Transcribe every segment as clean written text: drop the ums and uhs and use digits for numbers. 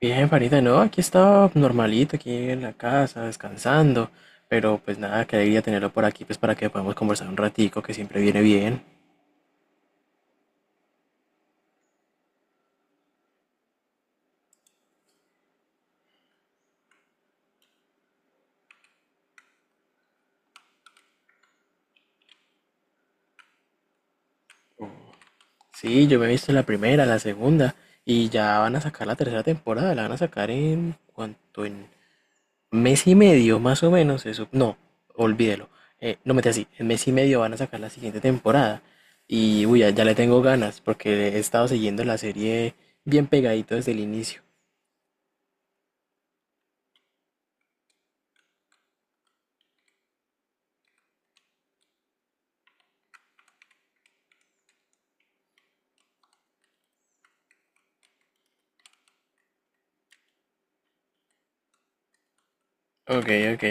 Bien, Farita, no, aquí estaba normalito, aquí en la casa, descansando, pero pues nada, qué alegría tenerlo por aquí, pues para que podamos conversar un ratico, que siempre viene bien. Sí, yo me he visto la primera, la segunda, y ya van a sacar la tercera temporada, la van a sacar en cuanto en mes y medio, más o menos, eso, no, olvídelo. No mete así, en mes y medio van a sacar la siguiente temporada, y uy, ya, ya le tengo ganas, porque he estado siguiendo la serie bien pegadito desde el inicio. Ok, ok.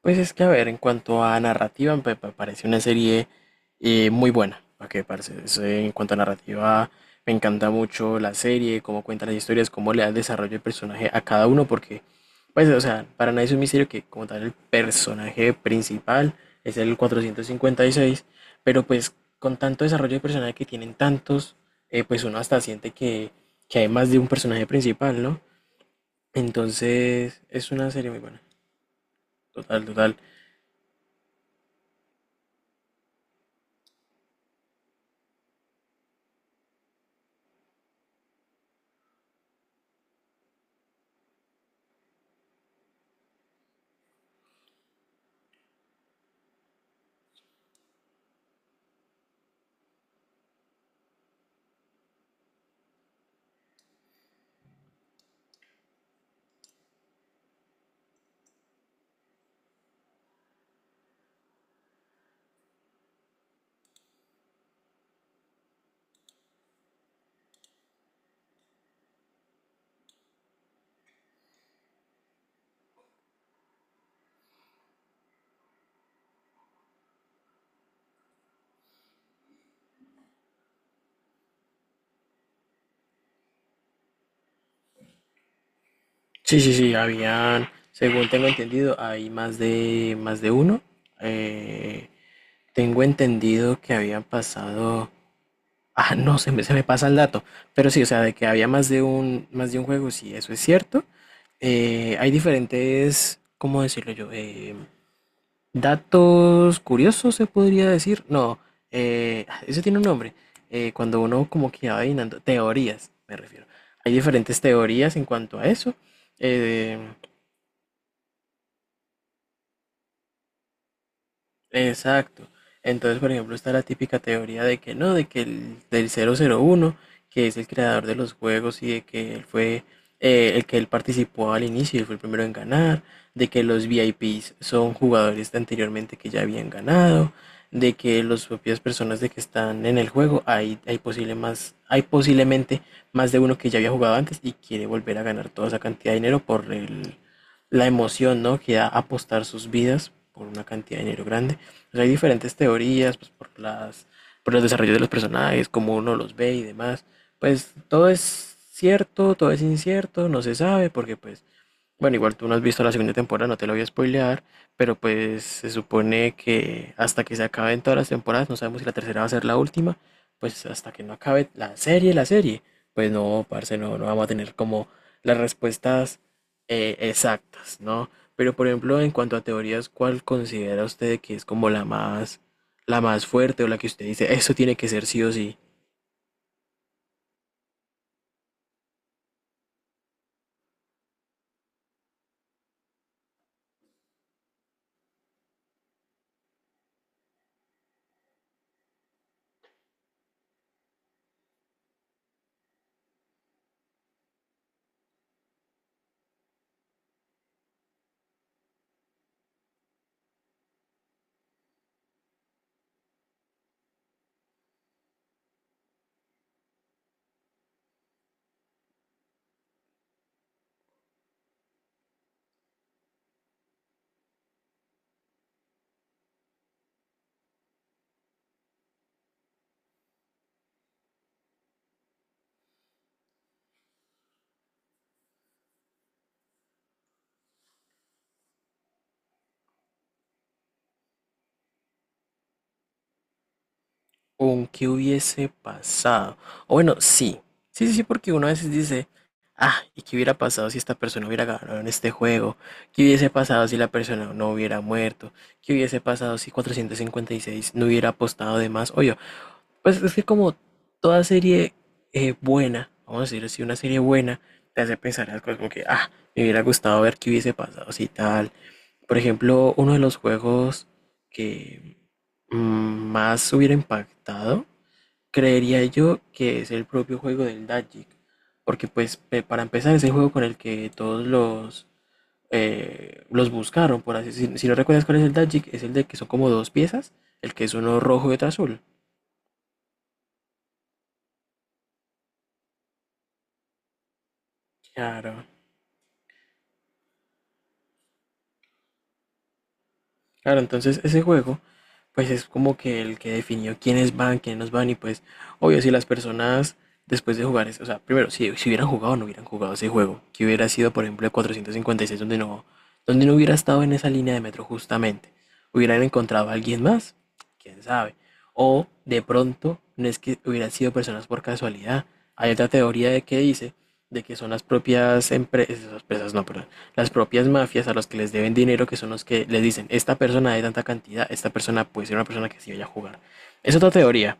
Pues es que, a ver, en cuanto a narrativa, me parece una serie muy buena. ¿Para qué, parce? Es, en cuanto a narrativa, me encanta mucho la serie, cómo cuenta las historias, cómo le da el desarrollo del personaje a cada uno, porque, pues, o sea, para nadie es un misterio que, como tal, el personaje principal es el 456, pero pues con tanto desarrollo de personaje que tienen tantos, pues uno hasta siente que, hay más de un personaje principal, ¿no? Entonces, es una serie muy buena. Total, total. Sí, sí, sí, habían, según tengo entendido, hay más de uno. Eh, Tengo entendido que habían pasado, ah, no, se me pasa el dato, pero sí, o sea, de que había más de un juego, sí, eso es cierto. Hay diferentes, ¿cómo decirlo yo? Datos curiosos, se podría decir. No, eso tiene un nombre. Cuando uno como que va adivinando, teorías, me refiero. Hay diferentes teorías en cuanto a eso. Eh, Exacto. Entonces, por ejemplo, está la típica teoría de que no, de que el del 001, que es el creador de los juegos, y de que él fue el que él participó al inicio y fue el primero en ganar, de que los VIPs son jugadores de anteriormente que ya habían ganado, de que las propias personas de que están en el juego hay posiblemente más de uno que ya había jugado antes y quiere volver a ganar toda esa cantidad de dinero por la emoción, ¿no? Que da apostar sus vidas por una cantidad de dinero grande. Pues hay diferentes teorías, pues por los desarrollos de los personajes, cómo uno los ve y demás. Pues todo es cierto, todo es incierto, no se sabe, porque pues bueno, igual tú no has visto la segunda temporada, no te lo voy a spoilear, pero pues se supone que hasta que se acaben todas las temporadas, no sabemos si la tercera va a ser la última, pues hasta que no acabe la serie, pues no, parce, no, no vamos a tener como las respuestas exactas, ¿no? Pero por ejemplo, en cuanto a teorías, ¿cuál considera usted que es como la más fuerte, o la que usted dice, eso tiene que ser sí o sí? Con qué hubiese pasado. O bueno, sí. Sí, sí, sí, porque uno a veces dice, ah, ¿y qué hubiera pasado si esta persona hubiera ganado en este juego? ¿Qué hubiese pasado si la persona no hubiera muerto? ¿Qué hubiese pasado si 456 no hubiera apostado de más? Oye, pues es que como toda serie buena, vamos a decir así, una serie buena, te hace pensar en las cosas como que, ah, me hubiera gustado ver qué hubiese pasado si tal. Por ejemplo, uno de los juegos que más hubiera impactado, creería yo que es el propio juego del Magic, porque pues para empezar es el juego con el que todos los buscaron, por así si no recuerdas cuál es el Magic, es el de que son como dos piezas, el que es uno rojo y otro azul. Claro, claro, entonces ese juego pues es como que el que definió quiénes van, quiénes nos van, y pues obvio si las personas después de jugar, o sea, primero si hubieran jugado o no hubieran jugado ese juego, que hubiera sido por ejemplo el 456 donde no hubiera estado en esa línea de metro justamente, hubieran encontrado a alguien más, quién sabe, o de pronto no es que hubieran sido personas por casualidad. Hay otra teoría de que dice de que son las propias empresas, empresas no, pero las propias mafias a los que les deben dinero, que son los que les dicen, esta persona de tanta cantidad, esta persona puede ser una persona que sí vaya a jugar. Es otra teoría.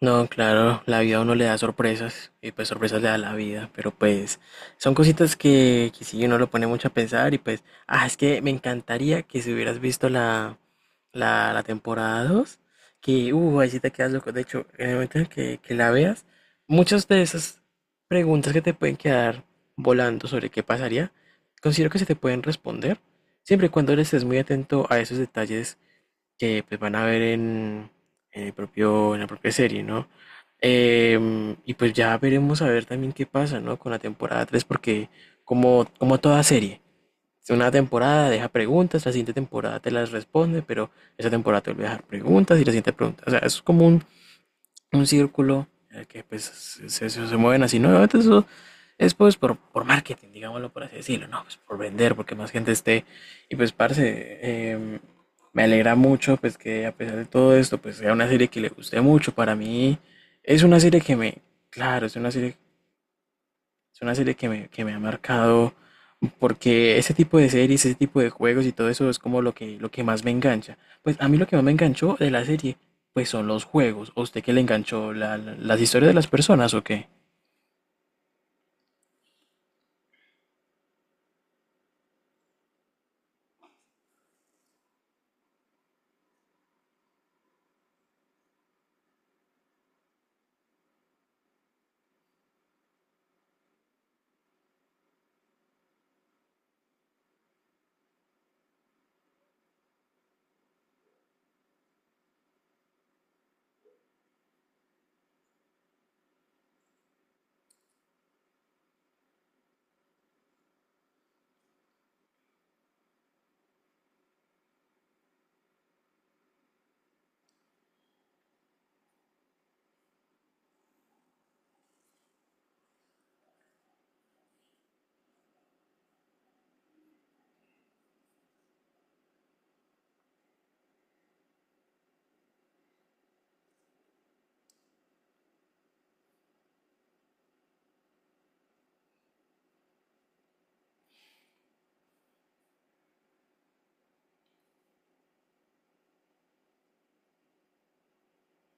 No, claro, la vida a uno le da sorpresas y pues sorpresas le da la vida, pero pues son cositas que sí uno lo pone mucho a pensar, y pues, ah, es que me encantaría que si hubieras visto la temporada 2 que, ahí sí te quedas loco. De hecho, en el momento en que, la veas, muchas de esas preguntas que te pueden quedar volando sobre qué pasaría, considero que se te pueden responder, siempre y cuando le estés muy atento a esos detalles que pues, van a ver en el propio, en la propia serie, ¿no? Y pues ya veremos a ver también qué pasa, ¿no? Con la temporada tres, porque como toda serie, una temporada deja preguntas, la siguiente temporada te las responde, pero esa temporada te vuelve a dejar preguntas y la siguiente pregunta. O sea, es como un círculo en el que pues, se mueven así, ¿no? Obviamente eso es pues por marketing, digámoslo por así decirlo, ¿no? Pues por vender, porque más gente esté. Y pues, parce, eh, me alegra mucho pues que a pesar de todo esto, pues sea una serie que le guste mucho. Para mí es una serie que me, claro, es una serie que me ha marcado, porque ese tipo de series, ese tipo de juegos y todo eso es como lo que, más me engancha. Pues a mí lo que más me enganchó de la serie, pues son los juegos. ¿A usted qué le enganchó? ¿Las historias de las personas o qué?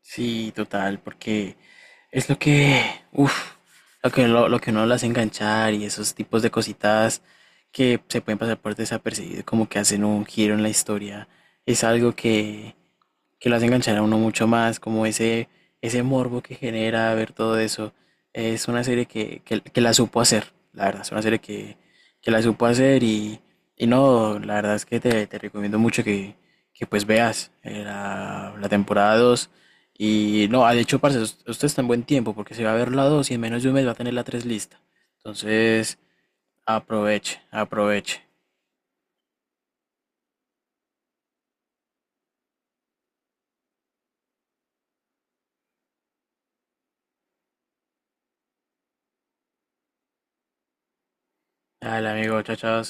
Sí, total, porque es lo que, uff, lo que uno las hace enganchar, y esos tipos de cositas que se pueden pasar por desapercibido, como que hacen un giro en la historia. Es algo que, lo hace enganchar a uno mucho más, como ese morbo que genera ver todo eso. Es una serie que, que la supo hacer, la verdad, es una serie que, la supo hacer, y no, la verdad es que te recomiendo mucho que, pues veas la temporada dos, y no, ah, de hecho, parce, usted está en buen tiempo porque se va a ver la 2 y en menos de un mes va a tener la 3 lista. Entonces, aproveche, aproveche. Dale, amigo, chao, chao.